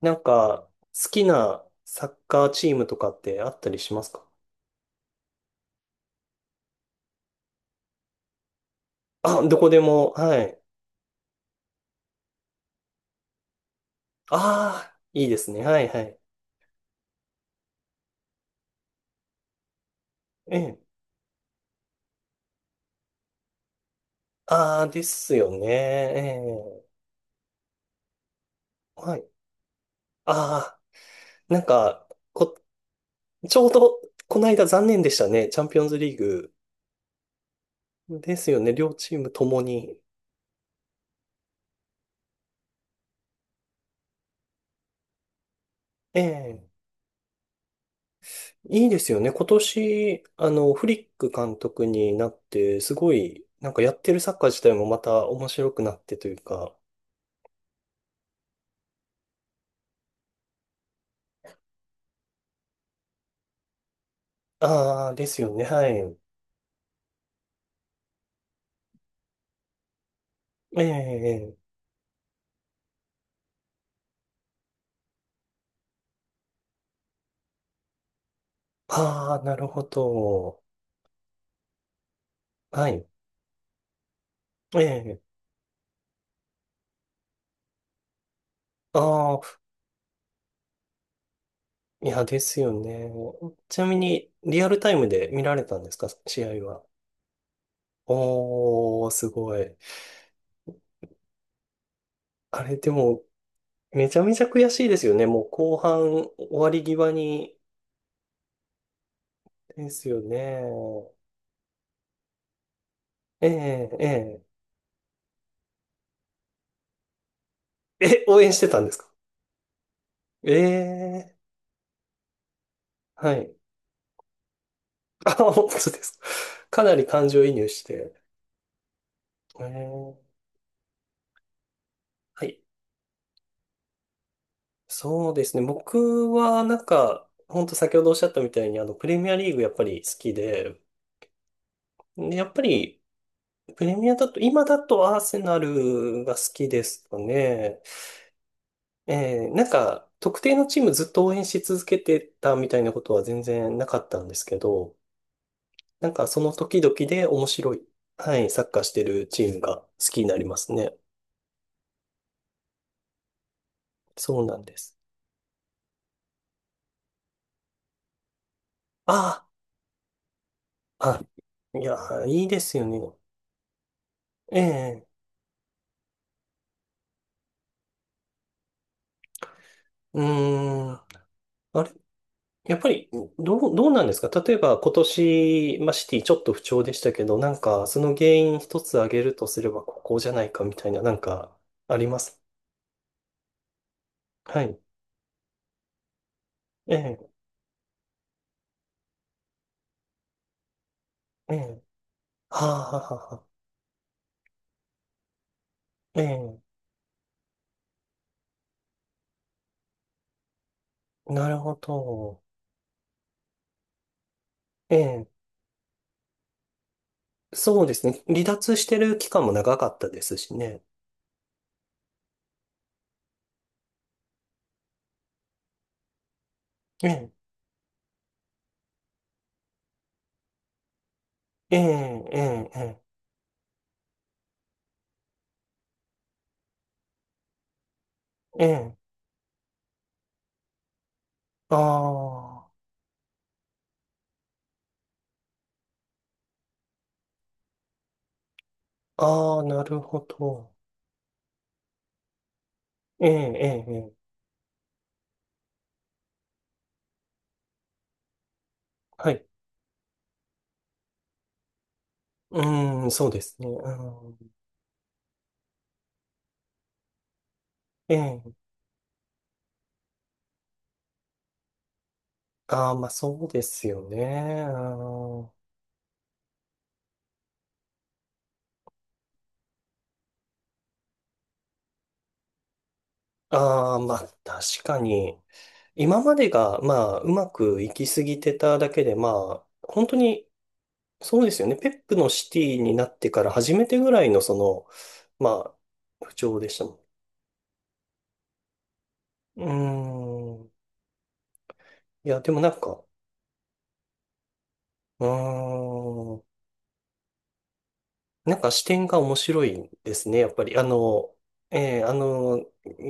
なんか、好きなサッカーチームとかってあったりしますか？あ、どこでも、はい。ああ、いいですね。はい、はい。ええ。ああ、ですよね。ええ。はい。ああ、なんか、こ、ちょうど、この間残念でしたね。チャンピオンズリーグ。ですよね。両チームともに。ええ。いいですよね。今年、フリック監督になって、すごい、なんかやってるサッカー自体もまた面白くなってというか、ああ、ですよね。はい。ええ、ああ、なるほど。はい。ええ、ああ、いや、ですよね。ちなみに、リアルタイムで見られたんですか、試合は？おー、すごい。あれ、でも、めちゃめちゃ悔しいですよね。もう後半終わり際に。ですよね。ええ、ええ。え、応援してたんですか？ええ、はい。あ、本当ですか？かなり感情移入して。ええ、はい。そうですね。僕はなんか、ほんと先ほどおっしゃったみたいに、プレミアリーグやっぱり好きで、でやっぱり、プレミアだと、今だとアーセナルが好きですかね。なんか、特定のチームずっと応援し続けてたみたいなことは全然なかったんですけど、なんかその時々で面白い、はい、サッカーしてるチームが好きになりますね。そうなんです。ああ、あ、いや、いいですよね。ええ、うーん。あれやっぱり、どうなんですか、例えば今年、まあ、シティちょっと不調でしたけど、なんかその原因一つ挙げるとすればここじゃないかみたいな、なんかあります？はい。ええ、ええ、はあ、はあ、はあはあ、ええ、なるほど。ええ、そうですね。離脱してる期間も長かったですしね。ええ、ええ、ええ、ええ、ええ。ああ、ああ、なるほど。ええ、ええ、ええ。はい。うーん、そうですね。うん。ええ。ああ、まあそうですよね。ああ、ああまあ確かに。今までが、まあうまくいきすぎてただけで、まあ本当にそうですよね。ペップのシティになってから初めてぐらいのその、まあ不調でしたもん。うーん。いや、でもなんか、うーん。なんか視点が面白いんですね、やっぱり。えーあの、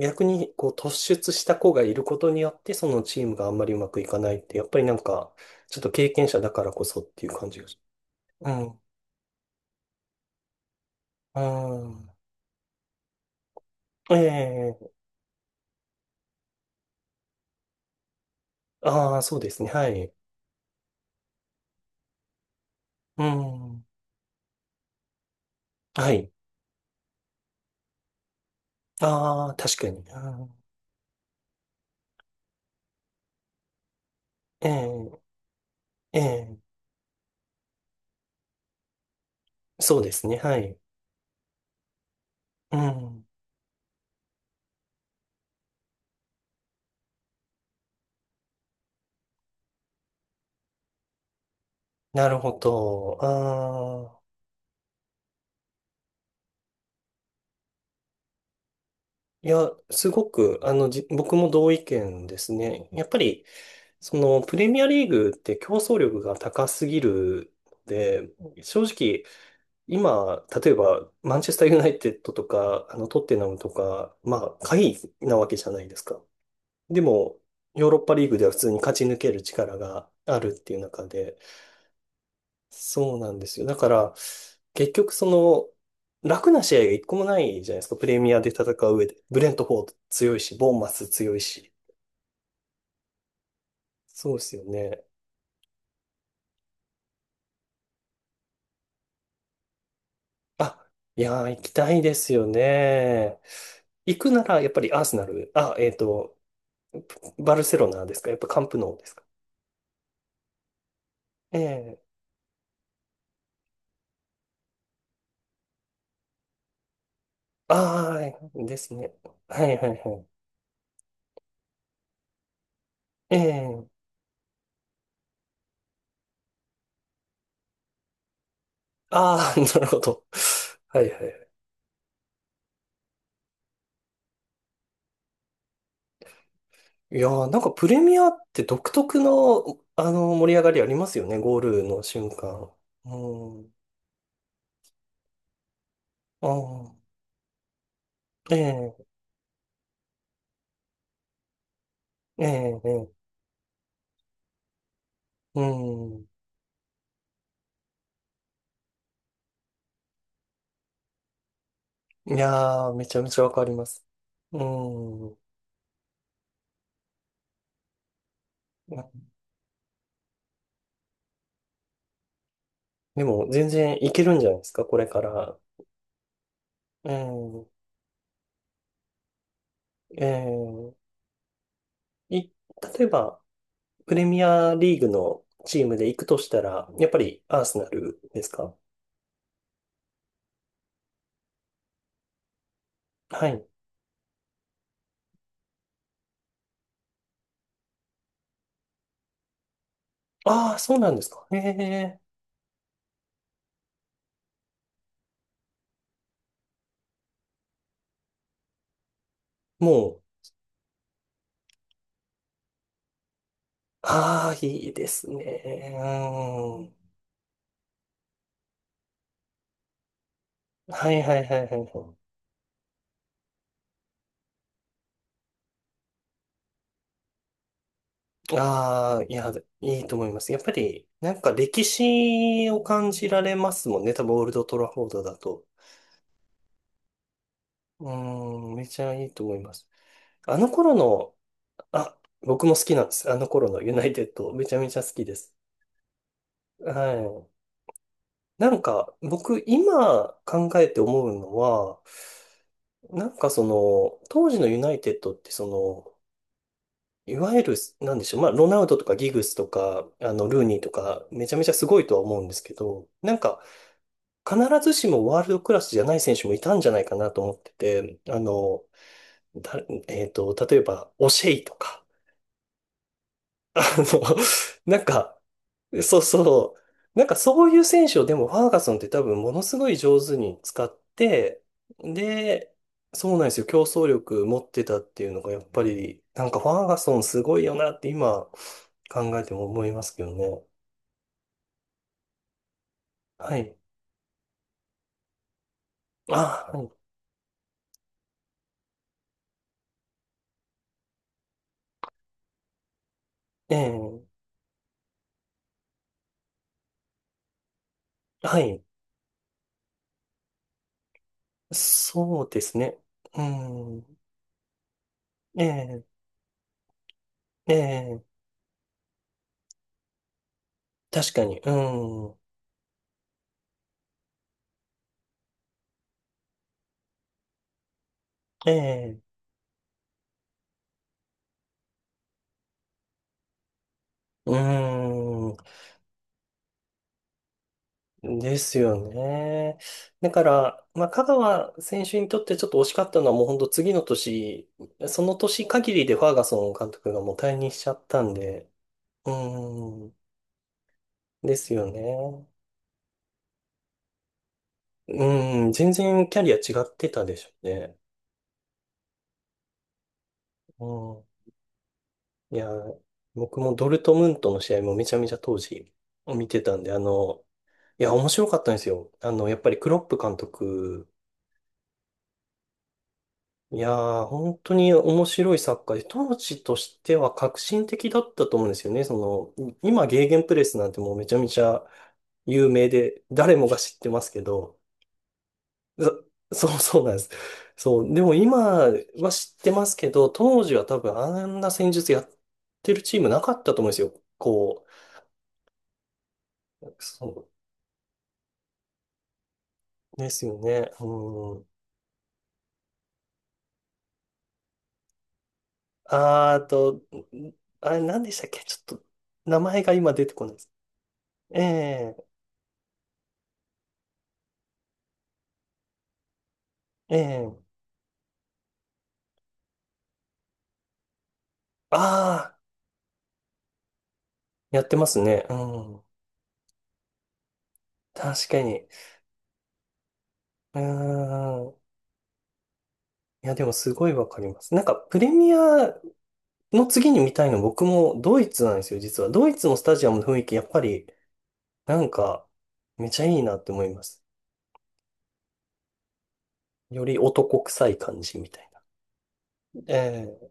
逆にこう突出した子がいることによって、そのチームがあんまりうまくいかないって、やっぱりなんか、ちょっと経験者だからこそっていう感じがし。うん。あーええ。ああー、そうですね。はい。うん。はい。ああ、確かに。あーええええ、そうですね。はい。うん。なるほど。ああ。いや、すごく、僕も同意見ですね。やっぱり、その、プレミアリーグって競争力が高すぎるので、正直、今、例えば、マンチェスターユナイテッドとか、トッテナムとか、まあ、下位なわけじゃないですか。でも、ヨーロッパリーグでは普通に勝ち抜ける力があるっていう中で、そうなんですよ。だから、結局その、楽な試合が一個もないじゃないですか。プレミアで戦う上で。ブレントフォード強いし、ボーンマス強いし。そうですよね。あ、いやー、行きたいですよね。行くなら、やっぱりアーセナル、あ、バルセロナですか？やっぱカンプノーですか？ええ。ああー、ですね。はいはいはい。ええ。ああー、なるほど。はいはいはい。いやー、なんかプレミアって独特の、盛り上がりありますよね、ゴールの瞬間。うん。ああ、ええ、ええ、ええ。うん。いやー、めちゃめちゃわかります。うん。でも、全然いけるんじゃないですか、これから。うん。ええ。い、例えば、プレミアリーグのチームで行くとしたら、やっぱりアーセナルですか？はい。ああ、そうなんですか。ええ。もう、ああ、いいですね。うん。はいはいはいはいはい。ああ、いや、いいと思います。やっぱり、なんか歴史を感じられますもんね。多分、オールドトラフォードだと。うん、めちゃいいと思います。あの頃の、あ、僕も好きなんです。あの頃のユナイテッド、めちゃめちゃ好きです。はい。なんか、僕、今考えて思うのは、なんかその、当時のユナイテッドってその、いわゆる、なんでしょう。まあ、ロナウドとかギグスとか、ルーニーとか、めちゃめちゃすごいとは思うんですけど、なんか、必ずしもワールドクラスじゃない選手もいたんじゃないかなと思ってて、だ、例えば、オシェイとか、あの、なんか、そうそう、なんかそういう選手をでもファーガソンって多分ものすごい上手に使って、で、そうなんですよ。競争力持ってたっていうのがやっぱり、なんかファーガソンすごいよなって今考えても思いますけどね。はい。あ、はい。ええ、はい。そうですね。うん。ええ、ええ、確かに。うん。ええ、うん。ですよね。だから、まあ、香川選手にとってちょっと惜しかったのはもう本当次の年、その年限りでファーガソン監督がもう退任しちゃったんで、うん。ですよね。うん。全然キャリア違ってたでしょうね。うん。いやー、僕もドルトムントの試合もめちゃめちゃ当時見てたんで、いや、面白かったんですよ。やっぱりクロップ監督、いやー、本当に面白いサッカーで、当時としては革新的だったと思うんですよね。その、今、ゲーゲンプレスなんてもうめちゃめちゃ有名で、誰もが知ってますけど、そ そうそうなんです。そう、でも今は知ってますけど、当時は多分あんな戦術やってるチームなかったと思うんですよ。こう、そですよね。うん。あーと、んあれ何でしたっけ、ちょっと名前が今出てこないです。ええええ。ああー、やってますね。うん。確かに。うん。いや、でもすごいわかります。なんか、プレミアの次に見たいの僕もドイツなんですよ、実は。ドイツのスタジアムの雰囲気、やっぱり、なんか、めちゃいいなって思います。より男臭い感じみたいな。ええ。